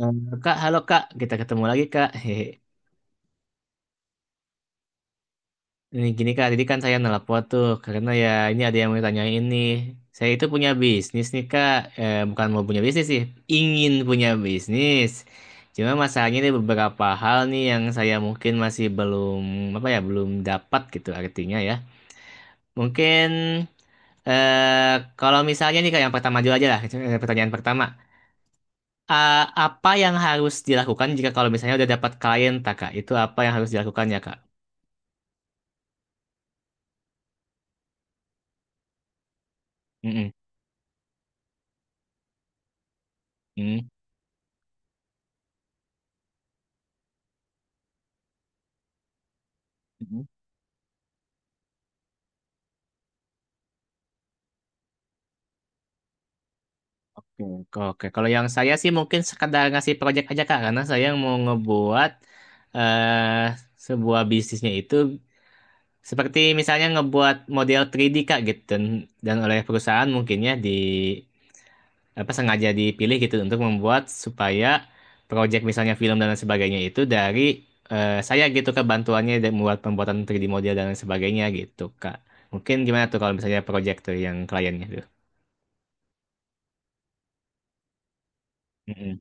Eh, Kak, halo Kak, kita ketemu lagi Kak. Hehe. Ini gini Kak, tadi kan saya nelpon tuh karena ya ini ada yang mau tanya ini. Saya itu punya bisnis nih Kak, bukan mau punya bisnis sih, ingin punya bisnis. Cuma masalahnya ada beberapa hal nih yang saya mungkin masih belum apa ya, belum dapat gitu artinya ya. Mungkin kalau misalnya nih Kak, yang pertama dulu aja lah, pertanyaan pertama. Apa yang harus dilakukan jika kalau misalnya udah dapat klien, tak, Kak? Itu apa yang harus dilakukan ya, Kak? Mm-mm, mm-mm, mm-mm. Oke, oke, oke. Kalau yang saya sih mungkin sekedar ngasih project aja Kak, karena saya mau ngebuat eh sebuah bisnisnya itu seperti misalnya ngebuat model 3D Kak gitu dan oleh perusahaan mungkinnya di apa sengaja dipilih gitu untuk membuat supaya project misalnya film dan lain sebagainya itu dari saya gitu Kak bantuannya dan membuat pembuatan 3D model dan lain sebagainya gitu Kak. Mungkin gimana tuh kalau misalnya project tuh yang kliennya tuh? Mm-mm,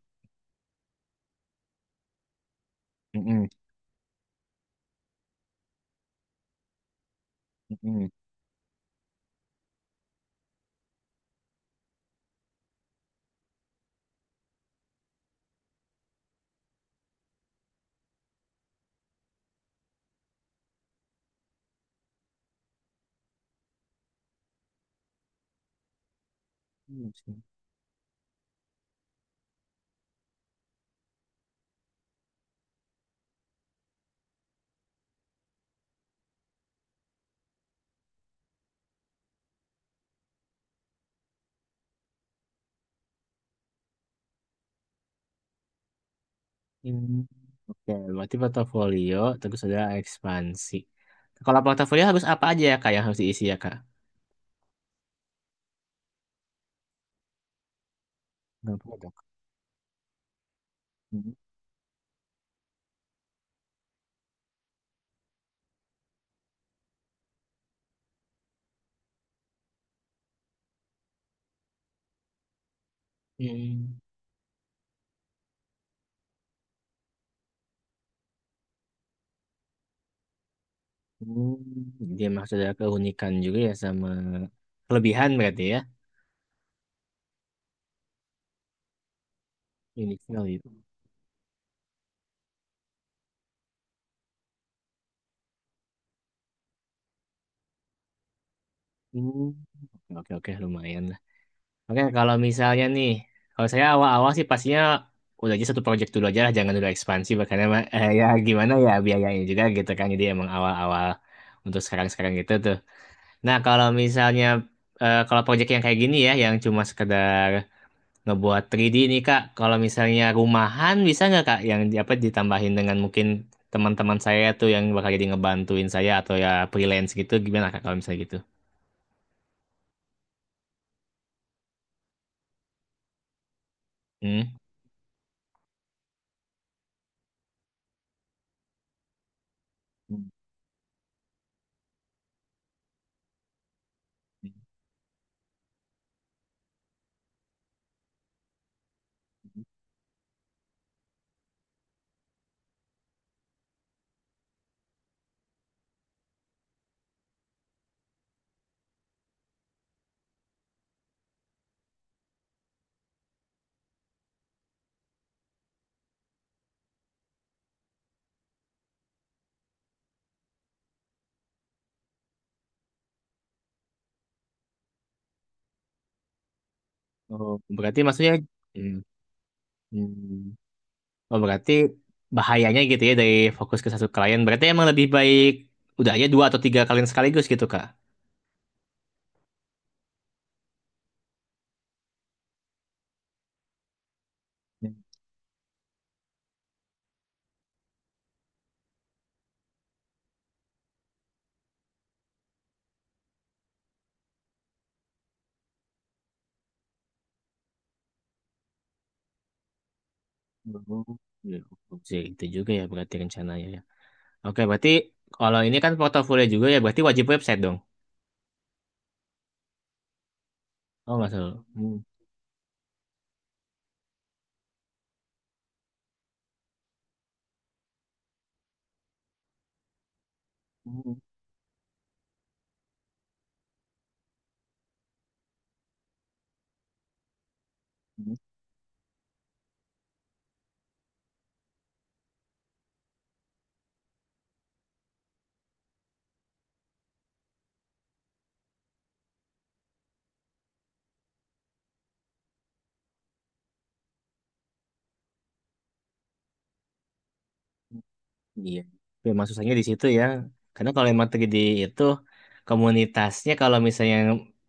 mm-mm, mm-mm. Hmm, sih. Hmm. Oke, berarti portofolio terus ada ekspansi. Kalau portofolio harus apa aja ya kak yang harus diisi ya kak? Nggak produk. Hmm. Hmm. Hmm. Jadi emang sudah keunikan juga ya sama kelebihan berarti ya. Unique value. Hmm. Oke, oke, oke, lumayan lah. Oke, kalau misalnya nih, kalau saya awal-awal sih pastinya udah aja satu project dulu aja lah, jangan dulu ekspansi, makanya mah, eh, ya gimana ya biayanya juga gitu kan. Jadi emang awal-awal untuk sekarang-sekarang gitu tuh. Nah, kalau misalnya kalau project yang kayak gini ya, yang cuma sekedar ngebuat 3D nih Kak, kalau misalnya rumahan bisa nggak Kak yang di- apa ditambahin dengan mungkin teman-teman saya tuh yang bakal jadi ngebantuin saya atau ya freelance gitu gimana Kak kalau misalnya gitu? Hmm? Hmm. Oh, berarti maksudnya hmm, hmm. Oh, berarti bahayanya gitu ya dari fokus ke satu klien. Berarti emang lebih baik udah aja dua atau tiga klien sekaligus gitu Kak. Ya. Oh, ya, oh. Sih, itu juga ya berarti rencananya. Oke, berarti kalau ini kan portofolio juga ya, berarti wajib website dong. Oh, nggak salah. Hmm. Hmm. Hmm. Iya. Memang susahnya di situ ya. Karena kalau emang 3D itu komunitasnya kalau misalnya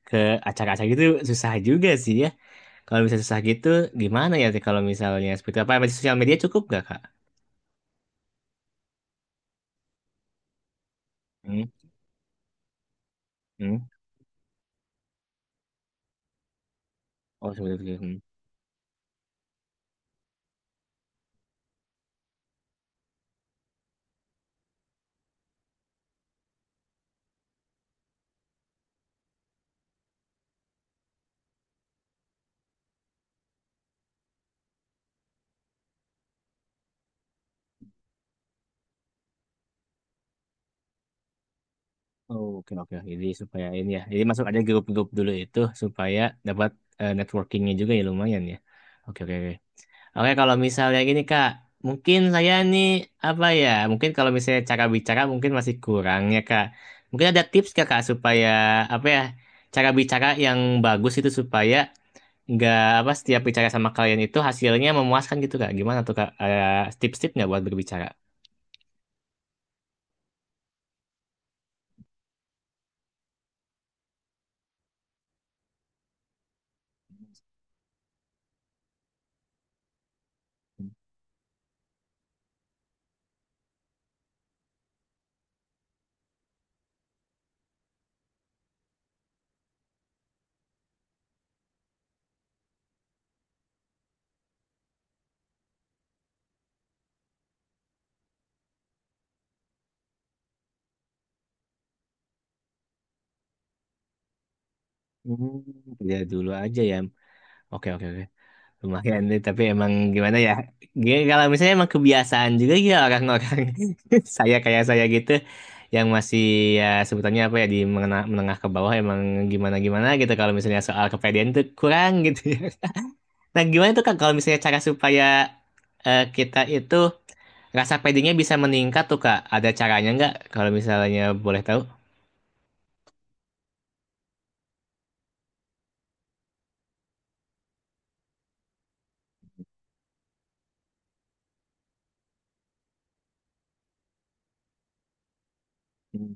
ke acara-acara gitu susah juga sih ya. Kalau misalnya susah gitu gimana ya Teh, kalau misalnya seperti apa? Masih sosial media cukup nggak, Kak? Hmm. Hmm. Oh, seperti itu. Hmm. Oh, oke, oke. Jadi supaya ini ya. Jadi masuk ada grup-grup dulu itu supaya dapat networkingnya juga ya lumayan ya. Oke, oke, oke. Oke, kalau misalnya gini Kak, mungkin saya nih apa ya? Mungkin kalau misalnya cara bicara mungkin masih kurang ya Kak. Mungkin ada tips nggak, Kak supaya apa ya? Cara bicara yang bagus itu supaya nggak apa setiap bicara sama kalian itu hasilnya memuaskan gitu Kak. Gimana tuh Kak? Ada tips-tipsnya buat berbicara? Hmm, lihat dulu aja ya. Oke, oke, oke. Lumayan nih, tapi emang gimana ya? G- Kalau misalnya emang kebiasaan juga ya orang-orang saya kayak saya gitu yang masih ya sebutannya apa ya di mengenah- menengah, ke bawah emang gimana-gimana gitu kalau misalnya soal kepedean tuh kurang gitu ya. Nah, gimana tuh Kak kalau misalnya cara supaya kita itu rasa pedenya bisa meningkat tuh Kak? Ada caranya nggak kalau misalnya boleh tahu? Hmm.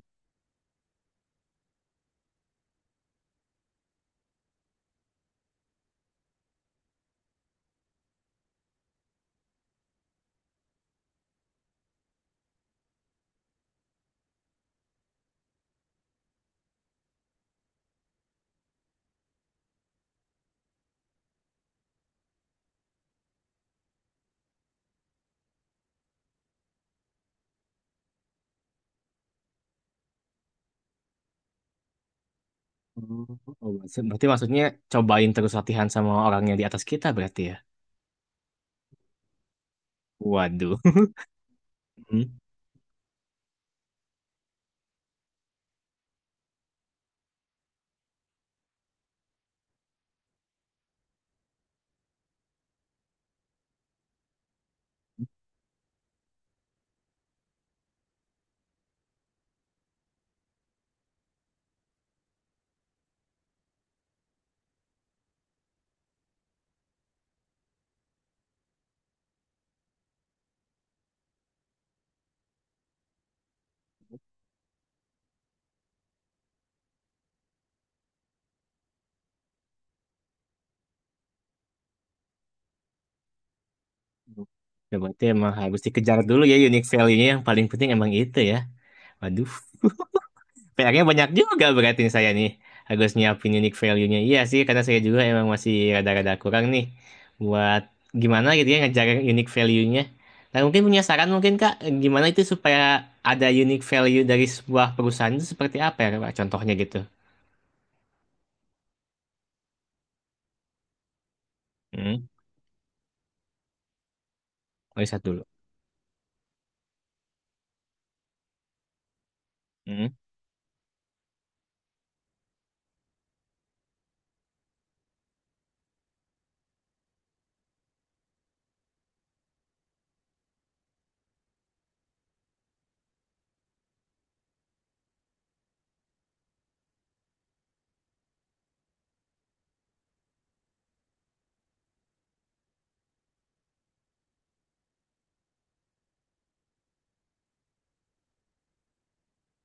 Oh, berarti berarti maksudnya cobain terus latihan sama orang yang di atas kita berarti ya? Waduh. Ya, berarti emang harus dikejar dulu ya unique value-nya yang paling penting emang itu ya. Waduh, PR-nya banyak juga berarti nih saya nih. Harus nyiapin unique value-nya. Iya sih, karena saya juga emang masih rada-rada kurang nih. Buat gimana gitu ya ngejar unique value-nya. Nah, mungkin punya saran mungkin Kak, gimana itu supaya ada unique value dari sebuah perusahaan itu seperti apa ya Kak? Contohnya gitu. Hmm, riset dulu. Hmm.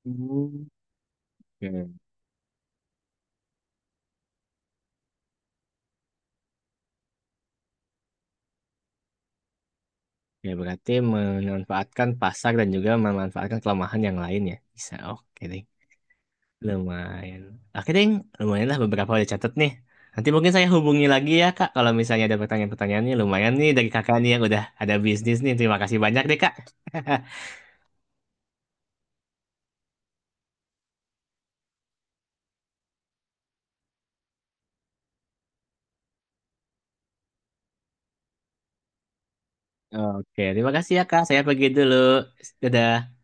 Hmm. Oke. Ya berarti memanfaatkan pasar dan juga memanfaatkan kelemahan yang lain ya. Bisa, oke deh. Lumayan. Oke deh, lumayan lah beberapa udah catat nih. Nanti mungkin saya hubungi lagi ya Kak, kalau misalnya ada pertanyaan-pertanyaannya. Lumayan nih dari kakak nih yang udah ada bisnis nih. Terima kasih banyak deh Kak. Oke, terima kasih ya Kak. Saya pergi dulu. Dadah.